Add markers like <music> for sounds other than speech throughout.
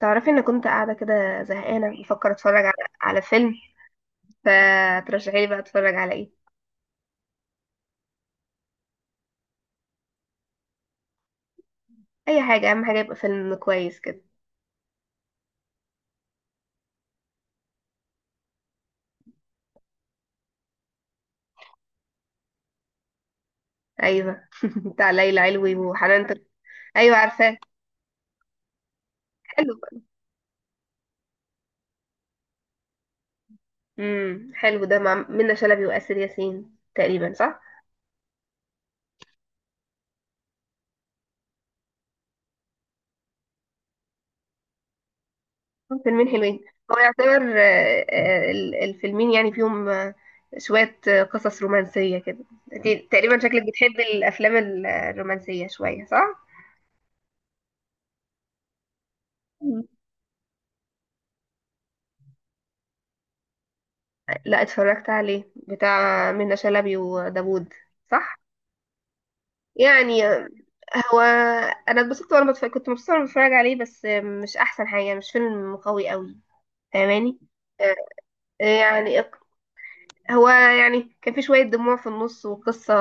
تعرفي ان كنت قاعده كده زهقانه بفكر اتفرج على فيلم. فترشحي لي بقى اتفرج على ايه؟ اي حاجه، اهم حاجه يبقى فيلم كويس كده. ايوه، <laughs> بتاع ليلى علوي ايوه، عارفاه. حلو. حلو، ده مع منة شلبي واسر ياسين تقريبا، صح؟ فيلمين حلوين. هو يعتبر الفيلمين يعني فيهم شويه قصص رومانسيه كده. انت تقريبا شكلك بتحبي الافلام الرومانسيه شويه، صح؟ لا، اتفرجت عليه، بتاع منة شلبي وداوود. صح. يعني، هو، انا اتبسطت وانا بتفرج، كنت مبسوطه وانا بتفرج عليه، بس مش احسن حاجه، مش فيلم قوي قوي. فاهماني؟ آه، يعني اق- هو يعني كان في شويه دموع في النص، والقصه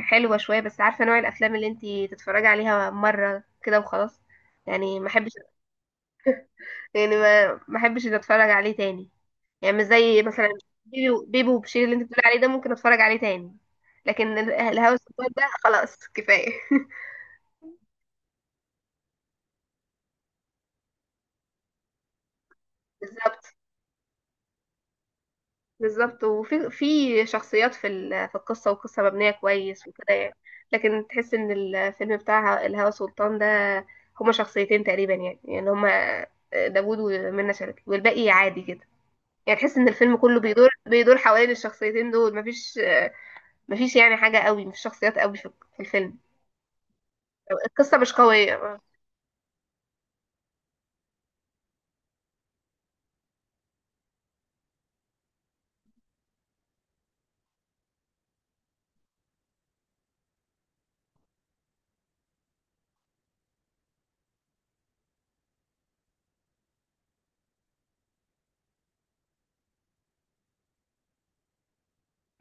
حلوه شويه، بس عارفه نوع الافلام اللي انتي تتفرجي عليها مره كده وخلاص. يعني ما احبش. يعني ما احبش إني اتفرج عليه تاني، يعني مش زي مثلا بيبي وبشير اللي انت بتقول عليه ده، ممكن اتفرج عليه تاني. لكن الهوى سلطان ده، خلاص كفايه. <laughs> بالظبط. بالظبط، وفي شخصيات في في القصه، والقصه مبنيه كويس وكده يعني. لكن تحس ان الفيلم بتاع الهوى سلطان ده هما شخصيتين تقريبا، يعني هما داوود ومنى شلبي، والباقي عادي كده. يعني تحس ان الفيلم كله بيدور حوالين الشخصيتين دول، مفيش يعني حاجة قوي، مش شخصيات قوي في الفيلم. القصة مش قوية.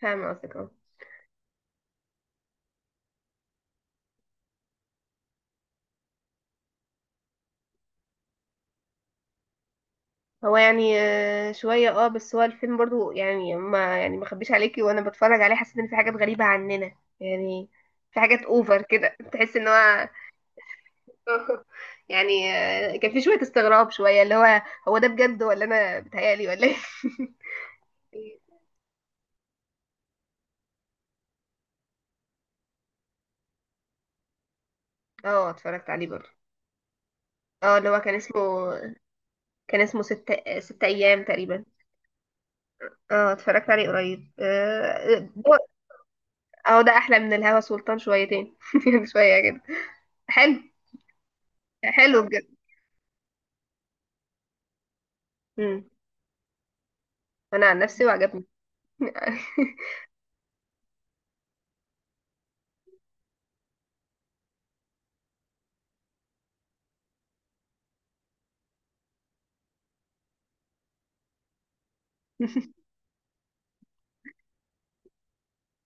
فاهمة قصدك، اه. هو يعني شوية، اه، بس هو الفيلم برضو، يعني ما خبيش عليكي، وانا بتفرج عليه حسيت ان في حاجات غريبة عننا. يعني في حاجات اوفر كده، <laughs> تحس ان هو… <laughs> يعني كان في شوية استغراب، شوية اللي هو، ده بجد ولا انا بتهيألي ولا ايه؟ <laughs> اه، اتفرجت عليه برضو. اه، اللي هو كان اسمه ست ايام تقريبا. اه، اتفرجت عليه قريب. اه، ده احلى من الهوا سلطان شويتين، <laughs> شويه كده. حلو، حلو بجد. امم. انا عن نفسي وعجبني. <laughs>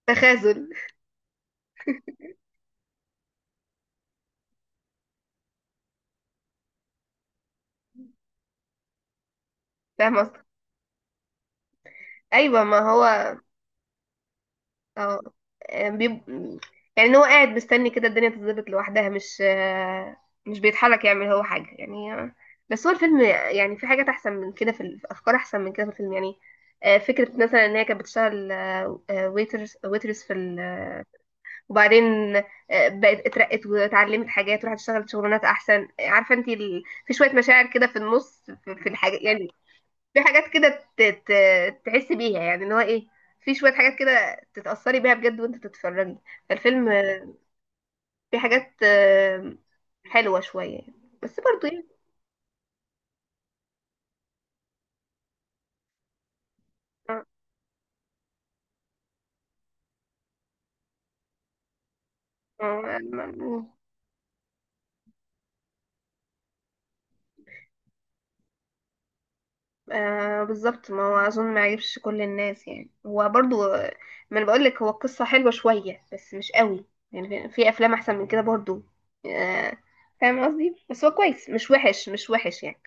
تخاذل. فاهم قصدك، ايوه، ما هو، اه. بيب... يعني إن هو قاعد مستني كده الدنيا تتظبط لوحدها، مش مش بيتحرك يعمل هو حاجه يعني. بس هو الفيلم يعني، في حاجات احسن من كده، في في افكار احسن من كده في الفيلم يعني. فكره مثلا ان هي كانت بتشتغل ويترز في ال… وبعدين بقت اترقت واتعلمت حاجات، وراحت اشتغلت شغلانات احسن، عارفه انت في شويه مشاعر كده في النص، في الحاجه يعني. في حاجات كده، ت... ت... تحس بيها يعني ان هو ايه. في شويه حاجات كده تتاثري بيها بجد وانت بتتفرجي. فالفيلم، في حاجات حلوه شويه يعني. بس برضه يعني. آه، آه، آه، بالظبط، ما هو اظن ما يعجبش كل الناس، يعني هو برضو، ما انا بقول لك، هو القصه حلوه شويه بس مش قوي. يعني في افلام احسن من كده برضو. آه، فاهم قصدي، بس هو كويس، مش وحش مش وحش يعني.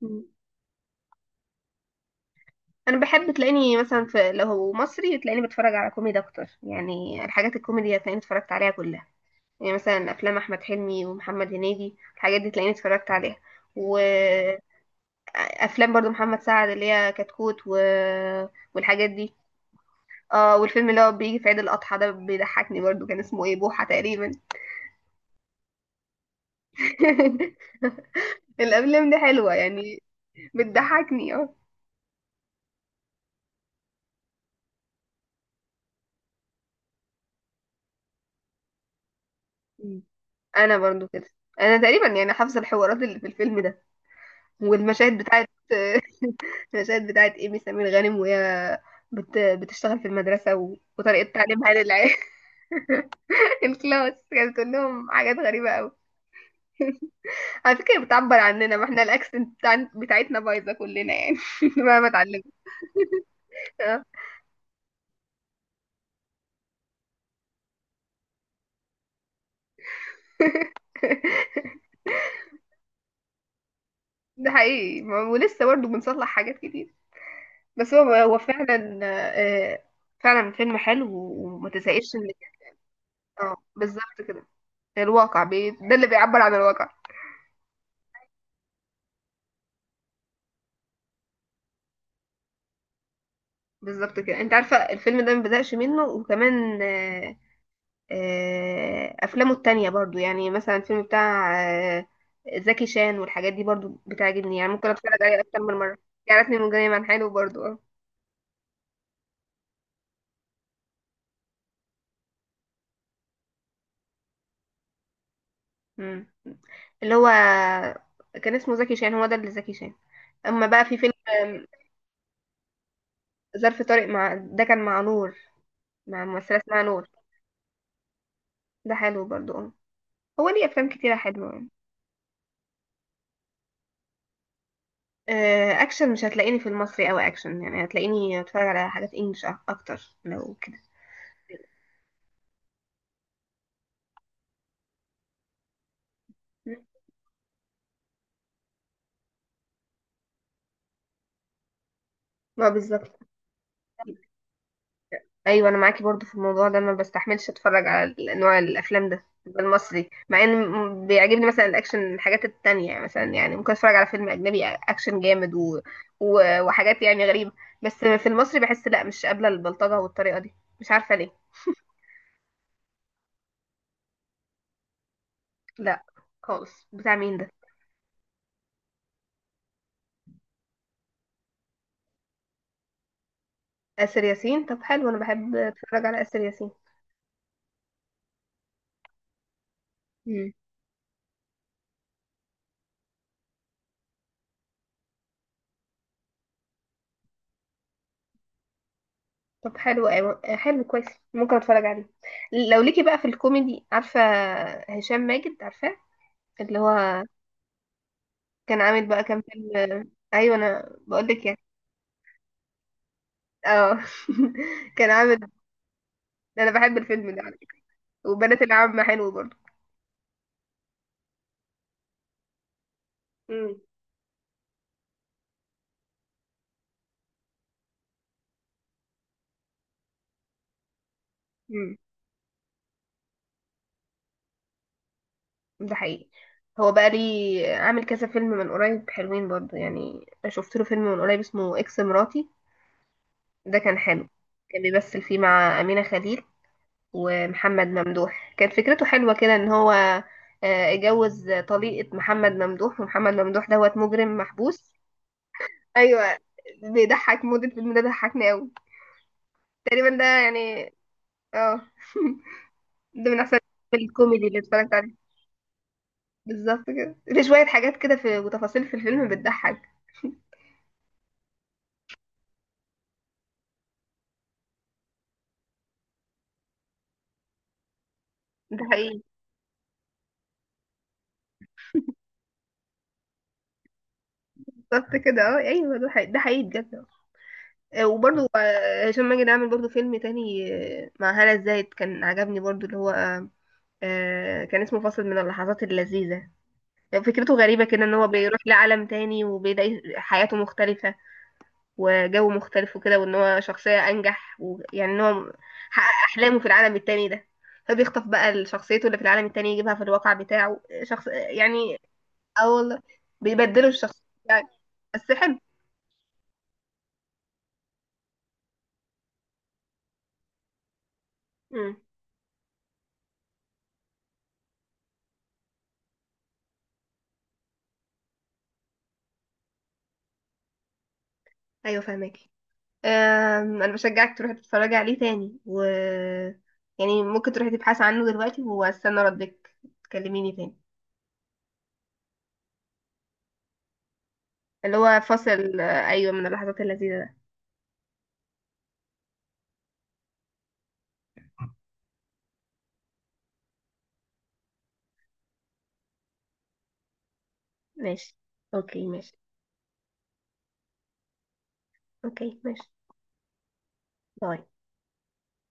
مم. انا بحب تلاقيني مثلا، في، لو هو مصري تلاقيني بتفرج على كوميدي اكتر. يعني الحاجات الكوميدي هتلاقيني اتفرجت عليها كلها، يعني مثلا افلام احمد حلمي ومحمد هنيدي، الحاجات دي تلاقيني اتفرجت عليها. وافلام برضو محمد سعد، اللي هي كتكوت والحاجات دي. اه، والفيلم اللي هو بيجي في عيد الأضحى ده بيضحكني برضو، كان اسمه ايه، بوحة تقريبا. <laughs> الأفلام دي حلوة يعني، بتضحكني، اه. مم. انا برضو كده. انا تقريبا يعني حافظه الحوارات اللي في الفيلم ده، والمشاهد بتاعت… <laughs> المشاهد بتاعت ايمي سمير غانم، وهي بتشتغل في المدرسه وطريقه تعليمها للعيال. <laughs> الكلاس كانت بتقول لهم حاجات غريبه قوي. على فكره، بتعبر عننا، ما احنا الاكسنت بتاعتنا بايظه كلنا يعني. <laughs> ما بتعلم. ده حقيقي، ولسه برضه بنصلح حاجات كتير. بس هو فعلا، فعلا فيلم حلو وما تزهقش منه. اه، بالظبط كده، الواقع ده اللي بيعبر عن الواقع. بالظبط كده. انت عارفه الفيلم ده ما بزهقش منه، وكمان افلامه التانية برضو، يعني مثلا الفيلم بتاع آه، زكي شان والحاجات دي برضو بتعجبني. يعني ممكن اتفرج عليه اكتر من مره. جعلتني مجرما، حلو برضو، اه. مم. اللي هو كان اسمه زكي شان، هو ده اللي زكي شان. اما بقى في فيلم، آم، ظرف طارق مع، ده كان مع نور، مع ممثله اسمها نور. ده حلو برضو، اه. هو ليه افلام كتيره حلوه يعني. اكشن مش هتلاقيني في المصري قوي اكشن، يعني هتلاقيني اتفرج على حاجات انجلش اكتر لو كده. ما بالظبط، ايوه، انا معاكي برضو في الموضوع ده، ما بستحملش اتفرج على نوع الافلام ده المصري، مع ان بيعجبني مثلا الاكشن، الحاجات التانية يعني، مثلا يعني ممكن اتفرج على فيلم اجنبي اكشن جامد وحاجات يعني غريبة. بس في المصري بحس لا، مش قابلة البلطجة والطريقة دي. مش عارفة ليه. لا خالص، بتاع مين ده؟ آسر ياسين، طب حلو، انا بحب اتفرج على آسر ياسين. مم. طب حلو، أيوة. حلو كويس، ممكن اتفرج عليه. لو ليكي بقى في الكوميدي، عارفة هشام ماجد، عارفاه، اللي هو كان عامل بقى كام فيلم، ايوه انا بقول لك يعني، اه. <laughs> كان عامل. انا بحب الفيلم ده على فكرة. وبنات العم حلو برضه. امم، امم. ده حقيقي، هو بقى لي عامل كذا فيلم من قريب حلوين برضه. يعني أنا شفت له فيلم من قريب اسمه اكس مراتي، ده كان حلو. كان بيمثل فيه مع أمينة خليل ومحمد ممدوح. كانت فكرته حلوة كده، ان هو اتجوز طليقة محمد ممدوح، ومحمد ممدوح دوت مجرم محبوس. ايوه، بيضحك، مدة الفيلم ده ضحكني قوي تقريبا، ده يعني، اه. <laughs> ده من احسن الكوميدي اللي اتفرجت عليه. بالظبط كده، في شوية حاجات كده في وتفاصيل في الفيلم بتضحك. ده حقيقي. بالظبط كده، اه، ايوه، ده حقيقي، ده حقيقي بجد. وبرضه هشام ماجد عامل برضه فيلم تاني. مع هالة زاهد، كان عجبني برضه، اللي هو كان اسمه فاصل من اللحظات اللذيذة. فكرته غريبة كده، ان هو بيروح لعالم تاني وبيلاقي حياته مختلفة، وجو مختلف وكده، وان هو شخصية انجح، ويعني ان هو حقق احلامه في العالم التاني ده. فبيخطف بقى شخصيته اللي في العالم التاني، يجيبها في الواقع بتاعه، شخص يعني. اه والله، بيبدلوا الشخص يعني. بس حلو. امم. ايوه، فاهماكي. انا بشجعك تروحي تتفرجي عليه تاني، يعني ممكن تروحي تبحثي عنه دلوقتي، واستنى ردك، تكلميني تاني. اللي هو فصل، ايوه، من اللحظات اللذيذة ده. ماشي، اوكي ماشي، اوكي ماشي. باي.